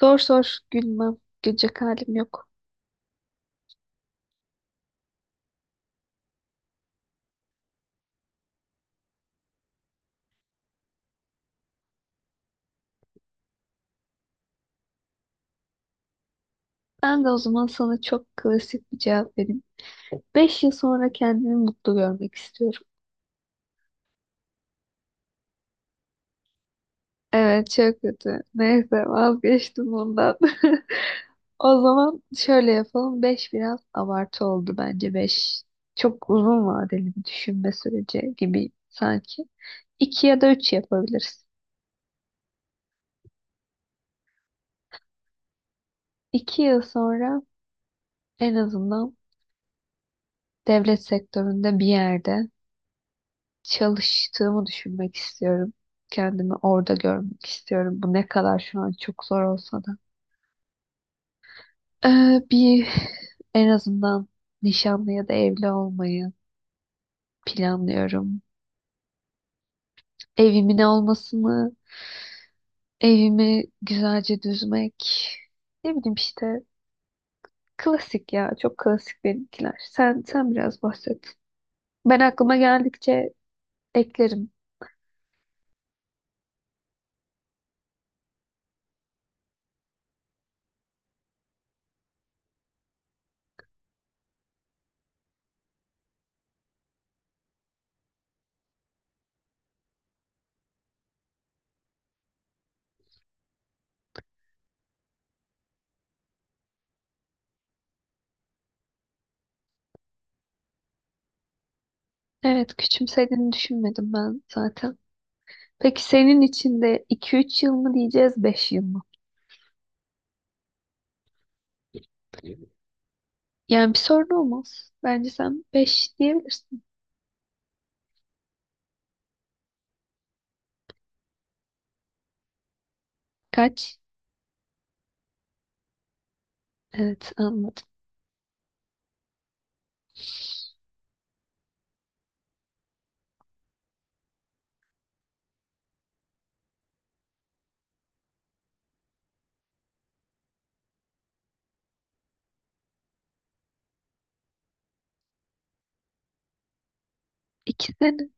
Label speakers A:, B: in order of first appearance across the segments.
A: Sor sor gülmem. Gülecek halim yok. Ben de o zaman sana çok klasik bir cevap vereyim. Beş yıl sonra kendimi mutlu görmek istiyorum. Evet, çok kötü. Neyse vazgeçtim bundan. O zaman şöyle yapalım. Beş biraz abartı oldu bence. Beş çok uzun vadeli bir düşünme süreci gibi sanki. İki ya da üç yapabiliriz. İki yıl sonra en azından devlet sektöründe bir yerde çalıştığımı düşünmek istiyorum. Kendimi orada görmek istiyorum. Bu ne kadar şu an çok zor olsa da. Bir en azından nişanlı ya da evli olmayı planlıyorum. Evimin olmasını, evimi güzelce düzmek. Ne bileyim işte klasik ya. Çok klasik benimkiler. Sen biraz bahset. Ben aklıma geldikçe eklerim. Evet, küçümsediğini düşünmedim ben zaten. Peki senin için de 2-3 yıl mı diyeceğiz, beş yıl mı? Yani bir sorun olmaz. Bence sen 5 diyebilirsin. Kaç? Evet, anladım. İki sene.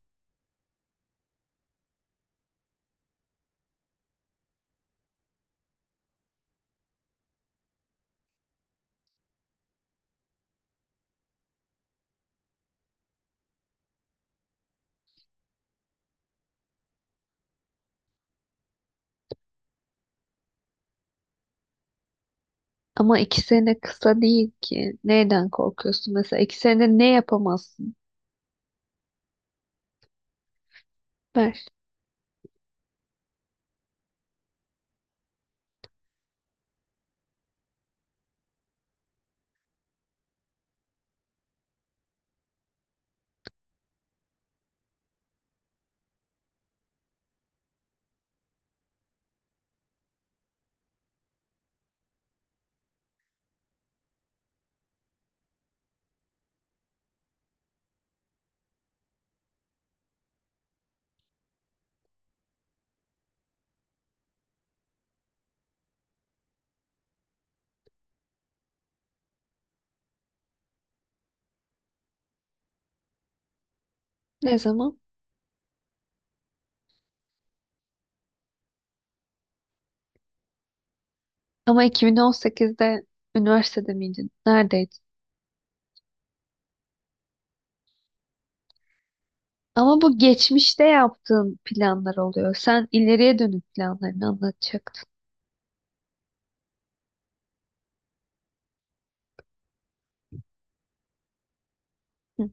A: Ama 2 sene kısa değil ki. Neyden korkuyorsun? Mesela 2 sene ne yapamazsın? Ver. Ne zaman? Ama 2018'de üniversitede miydin? Neredeydin? Ama bu geçmişte yaptığın planlar oluyor. Sen ileriye dönük planlarını anlatacaktın. Hı.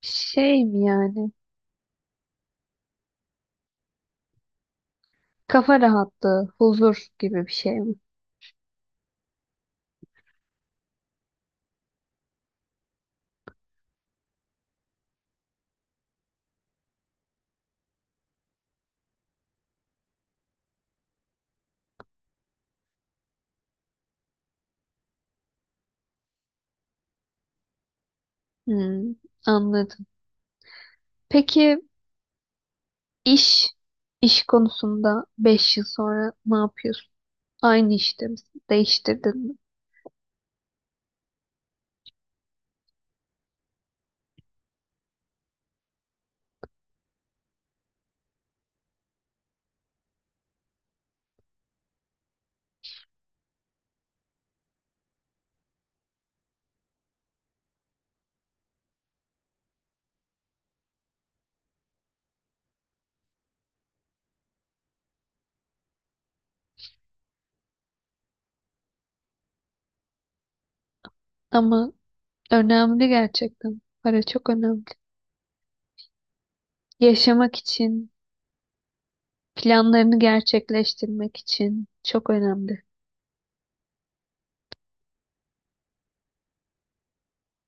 A: Şey mi yani? Kafa rahatlığı, huzur gibi bir şey mi? Hmm, anladım. Peki iş iş konusunda beş yıl sonra ne yapıyorsun? Aynı işte misin? Değiştirdin mi? Ama önemli gerçekten. Para çok önemli. Yaşamak için, planlarını gerçekleştirmek için çok önemli.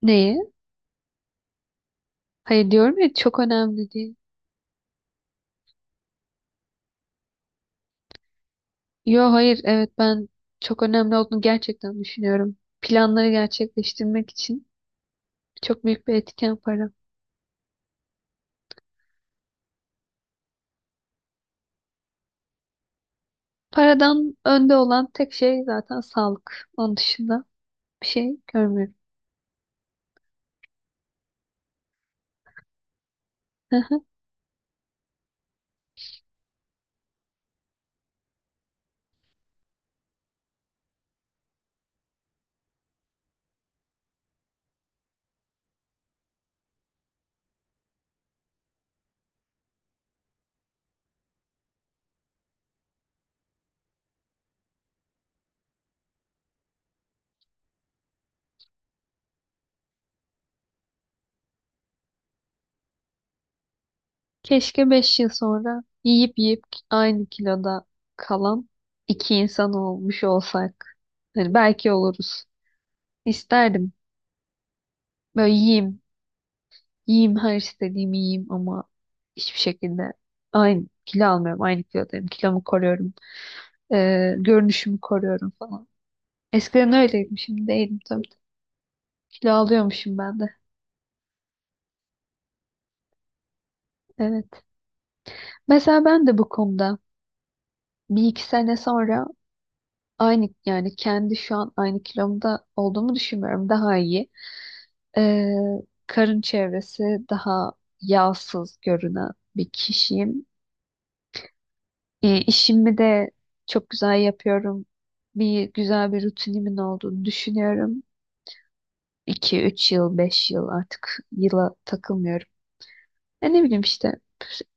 A: Neye? Hayır, diyorum ya, çok önemli değil. Yo hayır, evet, ben çok önemli olduğunu gerçekten düşünüyorum. Planları gerçekleştirmek için çok büyük bir etken para. Paradan önde olan tek şey zaten sağlık. Onun dışında bir şey görmüyorum. Keşke 5 yıl sonra yiyip yiyip aynı kiloda kalan iki insan olmuş olsak. Hani belki oluruz. İsterdim. Böyle yiyeyim. Yiyeyim, her istediğimi yiyeyim ama hiçbir şekilde aynı kilo almıyorum. Aynı kilodayım. Kilomu koruyorum. Görünüşümü koruyorum falan. Eskiden öyleydim. Şimdi değilim tabii. Kilo alıyormuşum ben de. Evet. Mesela ben de bu konuda bir iki sene sonra aynı, yani kendi şu an aynı kilomda olduğumu düşünmüyorum. Daha iyi. Ee, Karın çevresi daha yağsız görünen bir kişiyim. İşimi de çok güzel yapıyorum. Bir güzel bir rutinimin olduğunu düşünüyorum. 2 üç yıl, 5 yıl, artık yıla takılmıyorum. Ya ne bileyim işte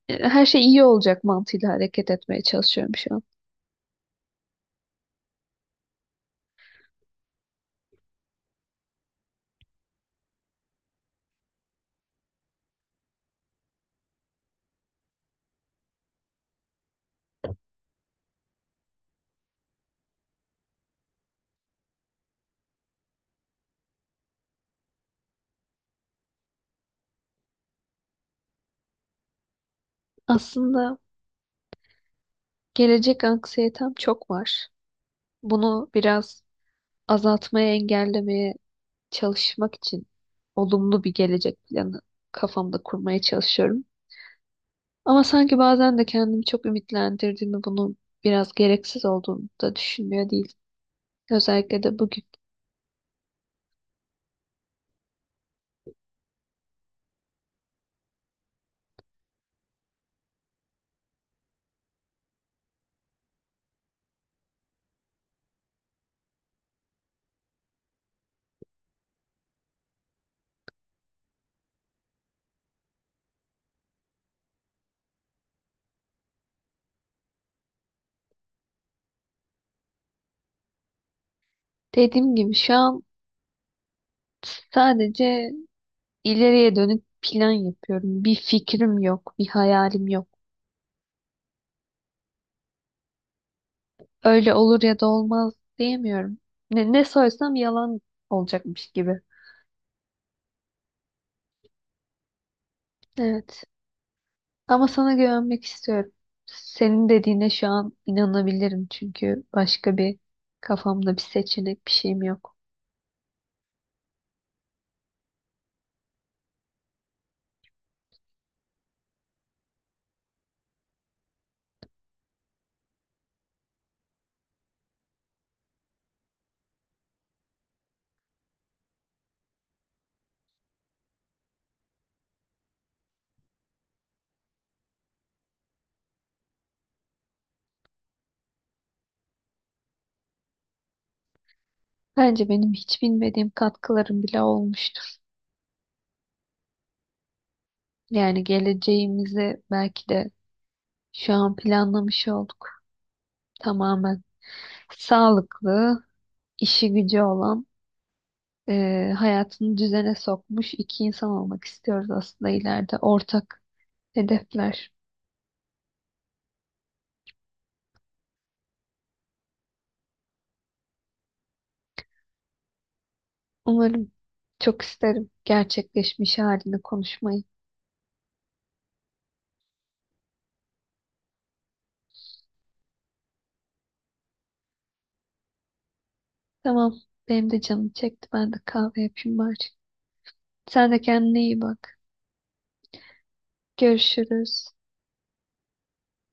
A: her şey iyi olacak mantığıyla hareket etmeye çalışıyorum şu an. Aslında gelecek anksiyetem çok var. Bunu biraz azaltmaya, engellemeye çalışmak için olumlu bir gelecek planı kafamda kurmaya çalışıyorum. Ama sanki bazen de kendimi çok ümitlendirdiğimi, bunun biraz gereksiz olduğunu da düşünmüyor değil. Özellikle de bugün. Dediğim gibi şu an sadece ileriye dönük plan yapıyorum. Bir fikrim yok, bir hayalim yok. Öyle olur ya da olmaz diyemiyorum. Ne sorsam yalan olacakmış gibi. Evet. Ama sana güvenmek istiyorum. Senin dediğine şu an inanabilirim, çünkü başka bir, kafamda bir seçenek, bir şeyim yok. Bence benim hiç bilmediğim katkılarım bile olmuştur. Yani geleceğimizi belki de şu an planlamış olduk tamamen. Sağlıklı, işi gücü olan, hayatını düzene sokmuş iki insan olmak istiyoruz aslında ileride. Ortak hedefler. Umarım, çok isterim gerçekleşmiş halini konuşmayı. Tamam, benim de canım çekti. Ben de kahve yapayım bari. Sen de kendine iyi bak. Görüşürüz.